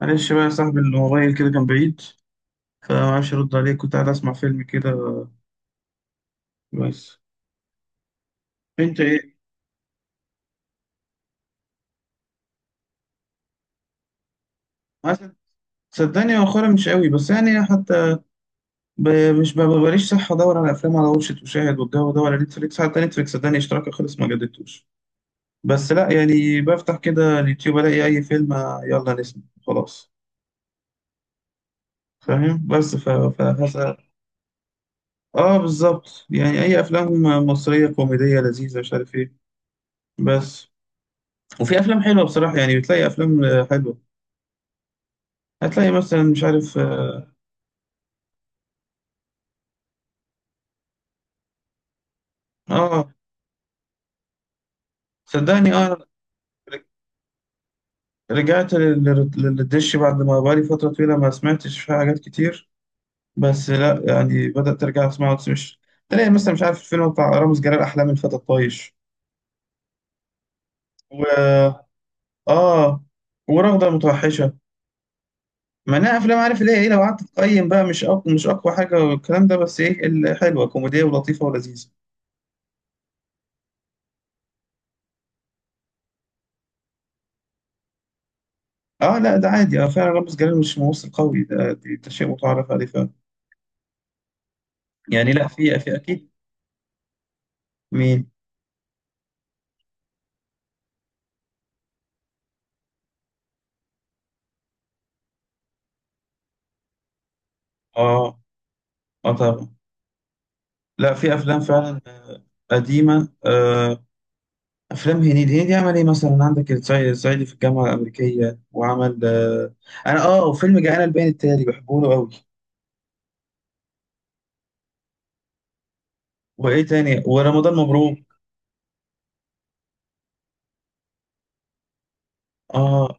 معلش بقى يا صاحبي الموبايل كده كان بعيد، فمعرفش ارد عليك، كنت قاعد اسمع فيلم كده كويس. انت ايه؟ عسل. صدقني مؤخرا مش قوي بس يعني، حتى ب... مش ب... ببقاليش صح ادور على افلام على وشة وشاهد والجو ده، ولا نتفليكس، حتى نتفليكس صدقني اشتراكي خلص ما جددتوش. بس لا يعني بفتح كده اليوتيوب الاقي اي فيلم، يلا نسمع خلاص. فاهم، بس فهسأل. اه بالظبط، يعني اي افلام مصرية كوميدية لذيذة مش عارف ايه بس. وفي افلام حلوه بصراحه، يعني بتلاقي افلام حلوه. هتلاقي مثلا مش عارف. اه. صدقني اه. رجعت للدش بعد ما بقالي فترة طويلة ما سمعتش فيها حاجات كتير. بس لا يعني بدأت أرجع أسمعه، بس مش. تلاقي مثلا مش عارف الفيلم بتاع رامز جلال أحلام الفتى الطايش و... آه، ورغدة المتوحشة. ما أنا أفلام عارف اللي هي إيه، لو قعدت تقيم بقى مش أقوى مش أقوى حاجة والكلام ده، بس إيه، الحلوة كوميدية ولطيفة ولذيذة. آه لا ده عادي، آه فعلا رامز جلال مش ممثل قوي، ده شيء متعارف عليه فعلا. يعني لا في أكيد. مين؟ آه. اه طبعا. لا في افلام فعلا قديمه، افلام هنيدي. هنيدي عمل ايه مثلا؟ عندك الصعيدي في الجامعه الامريكيه، وعمل انا اه وفيلم جعان البيان التالي بحبه له قوي. وايه تاني؟ ورمضان مبروك. اه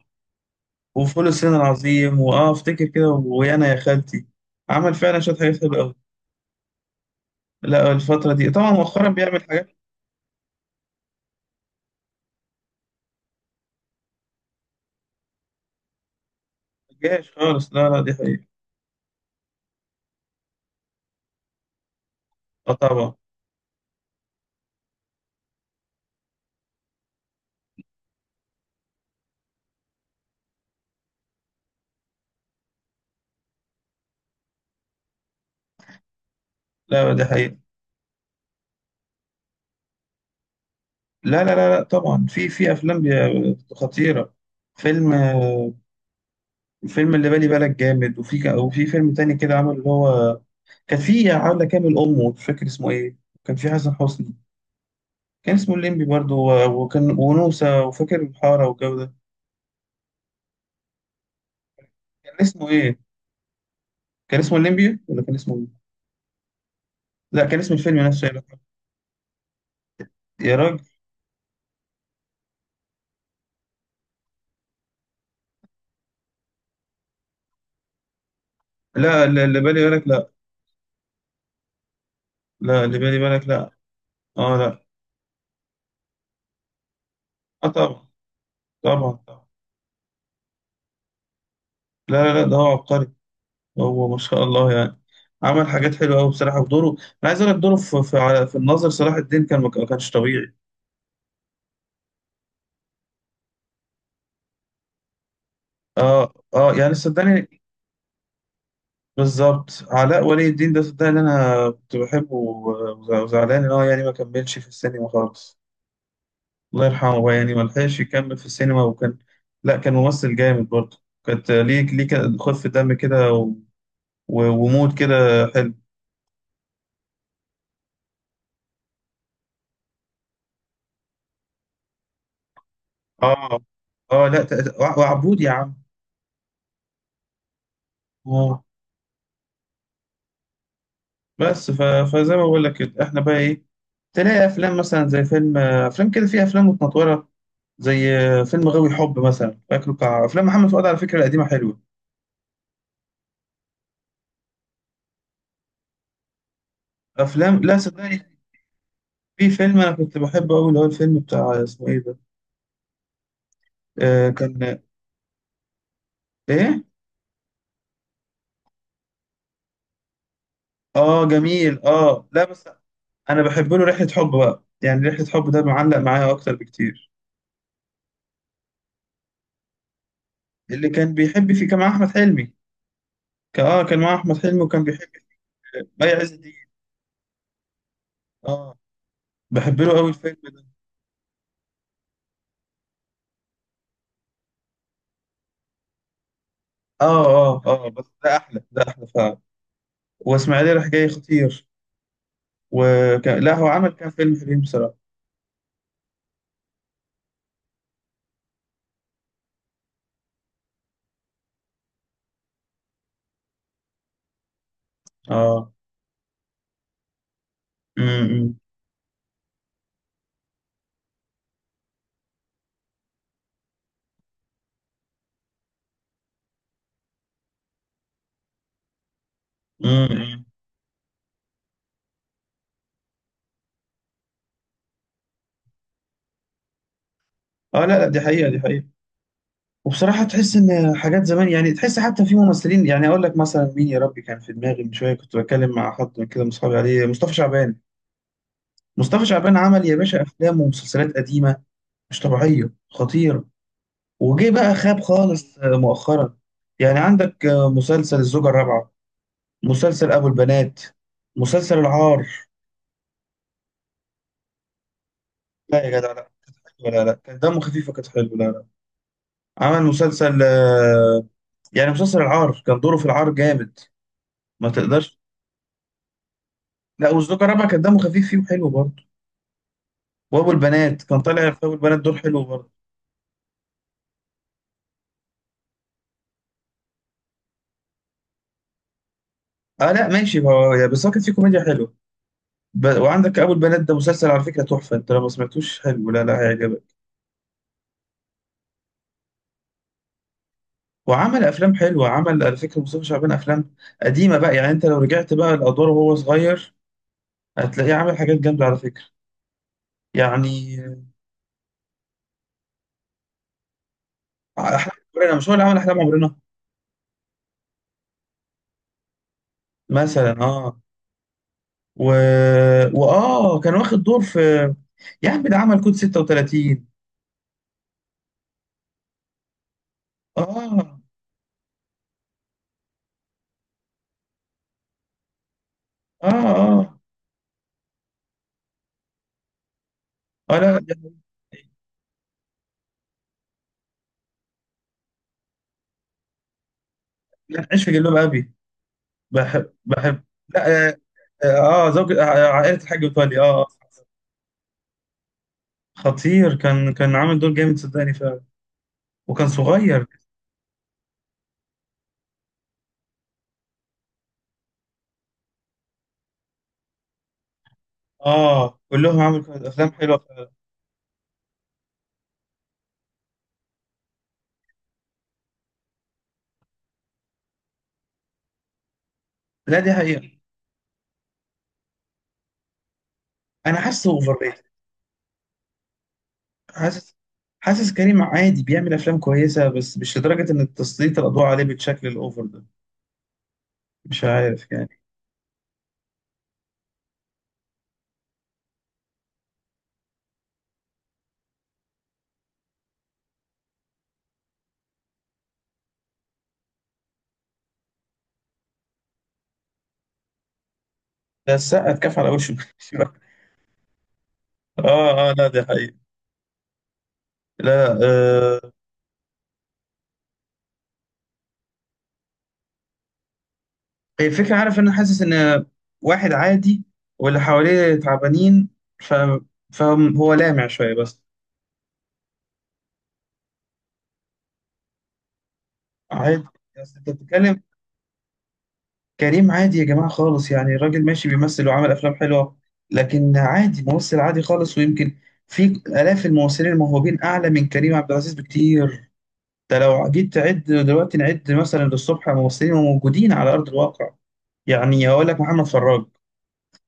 وفول الصين العظيم، واه افتكر كده ويانا يا خالتي. عمل فعلا شويه حاجات حلوه قوي. لا الفتره دي طبعا مؤخرا بيعمل حاجات. ما تجاش خالص، لا لا دي حقيقه. اه طبعا. لا دي حقيقه. لا لا لا, لا طبعا، في افلام خطيره. فيلم الفيلم اللي بالي بالك جامد. وفي وفي فيلم تاني كده عمل اللي هو، كان في عاملة كامل أمه، مش فاكر اسمه إيه. كان في حسن حسني، كان اسمه الليمبي برضه وكان ونوسة، وفاكر الحارة والجو ده. كان اسمه إيه؟ كان اسمه الليمبي ولا كان اسمه إيه؟ لا كان اسم الفيلم نفسه يا راجل. يا راجل. لا اللي بالي بالك لا. لا اللي بالي بالك لا. آه لا. آه طبعا. طبعا طبعا. لا لا لا، ده هو عبقري. هو ما شاء الله يعني، عمل حاجات حلوة أوي بصراحة. ودوره، أنا عايز أقول لك، دوره في الناظر صلاح الدين كان ما كانش طبيعي. اه اه يعني صدقني. بالظبط، علاء ولي الدين ده صدقني اللي انا كنت بحبه، وزعلان ان هو يعني ما كملش في السينما خالص. الله يرحمه بقى، يعني ما لحقش يكمل في السينما. وكان لا كان ممثل جامد برضه. كانت ليه، ليه كان خف دم كده ومود كده حلو. اه اه لا وعبود يا عم. اه بس فزي ما بقول لك كده، احنا بقى ايه. تلاقي افلام مثلا زي فيلم افلام كده فيها افلام متنطوره، زي فيلم غاوي حب مثلا فاكره، بتاع افلام محمد فؤاد على فكره القديمه حلوه. افلام لا صدقني، في فيلم انا كنت بحبه قوي اللي هو الفيلم بتاع اسمه ايه ده. آه كان ايه؟ اه جميل، اه لا بس انا بحب له رحله حب بقى، يعني رحله حب ده معلق معايا اكتر بكتير. اللي كان بيحب فيه كان مع احمد حلمي. كان اه كان مع احمد حلمي وكان بيحب مي عز الدين. اه. بحب له قوي الفيلم ده. اه اه. اه بس ده احلى، ده احلى فعلا. واسماعيليه راح جاي خطير. وكان، لا هو عمل كام فيلم حلوين بصراحه. اه. امم. امم اه. لا لا دي حقيقة، دي حقيقة. وبصراحة تحس ان حاجات زمان، يعني تحس حتى في ممثلين. يعني اقول لك مثلا مين يا ربي كان في دماغي، من شوية كنت بتكلم مع حد من كده من اصحابي عليه، مصطفى شعبان. مصطفى شعبان عمل يا باشا افلام ومسلسلات قديمة مش طبيعية خطيرة. وجه بقى خاب خالص مؤخرا. يعني عندك مسلسل الزوجة الرابعة، مسلسل ابو البنات، مسلسل العار. لا يا جدع، لا كانت حلوة، لا لا كان دمه خفيف وكانت حلوة، لا لا. عمل مسلسل يعني مسلسل العار كان دوره في العار جامد، ما تقدرش. لا والزوجة الرابعة كان دمه خفيف فيه وحلو برضه. وابو البنات كان طالع في ابو البنات دور حلو برضه. اه لا ماشي، هو بس هو كان فيه كوميديا حلوه. وعندك ابو البنات ده مسلسل على فكره تحفه، انت لو ما سمعتوش حلو، لا لا هيعجبك. وعمل افلام حلوه، عمل على فكره مصطفى شعبان افلام قديمه بقى، يعني انت لو رجعت بقى الادوار وهو صغير هتلاقيه عامل حاجات جامده على فكره يعني. احلام عمرنا، مش هو اللي عمل احلام عمرنا؟ مثلا اه. و... كان واخد دور في، يا عم ده عمل كود 36. آه آه. آه آه لا ده-. لا عيش في جلباب أبي. بحب بحب. لا زوج عائلة الحاج متولي. خطير، كان كان عامل دور جامد صدقني فعلا، وكان صغير. آه كلهم عامل أفلام حلوة فعلا. لا دي حقيقة. أنا حاسه أوفر ريتد. حاسس. حاسس كريم عادي بيعمل أفلام كويسة بس مش لدرجة إن تسليط الأضواء عليه بالشكل الأوفر ده. مش عارف يعني. ده السقا اتكف على وشه اه اه لا دي حقيقة. لا آه. هي الفكرة، عارف، انا حاسس ان واحد عادي واللي حواليه تعبانين، ف... فهو لامع شوية بس. عادي. بس انت بتتكلم. كريم عادي يا جماعة خالص، يعني الراجل ماشي بيمثل وعمل افلام حلوة، لكن عادي ممثل عادي خالص. ويمكن في الاف الممثلين الموهوبين اعلى من كريم عبد العزيز بكتير. ده لو جيت تعد دلوقتي نعد مثلا للصبح ممثلين موجودين على ارض الواقع. يعني اقول لك محمد فراج،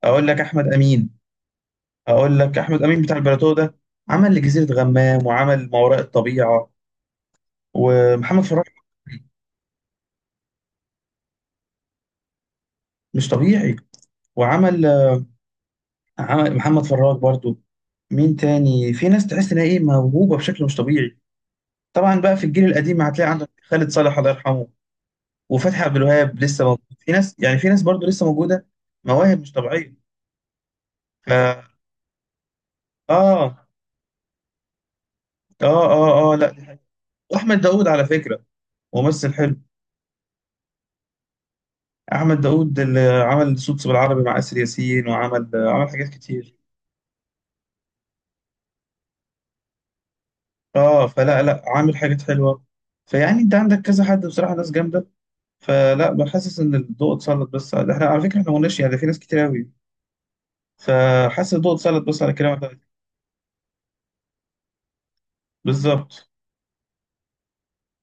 اقول لك احمد امين، اقول لك احمد امين بتاع البلاتو ده. عمل لجزيره غمام وعمل ما وراء الطبيعه. ومحمد فراج مش طبيعي. وعمل، عمل محمد فراج برضو. مين تاني في ناس تحس انها ايه، موهوبه بشكل مش طبيعي؟ طبعا بقى في الجيل القديم هتلاقي عندك خالد صالح الله يرحمه، وفتحي عبد الوهاب لسه موجود، في ناس يعني، في ناس برضو لسه موجوده، مواهب مش طبيعيه. ف اه. اه اه اه لا دي حقيقة. واحمد داوود على فكره ممثل حلو. احمد داوود اللي عمل صوت بالعربي مع اسر ياسين، وعمل عمل حاجات كتير. اه فلا لا عامل حاجات حلوه. فيعني انت عندك كذا حد بصراحه، ناس جامده. فلا بحسس ان الضوء اتسلط بس احنا على فكره احنا ما قلناش يعني ده في ناس كتير قوي. فحاسس الضوء اتسلط بس على كلامك ده. بالظبط.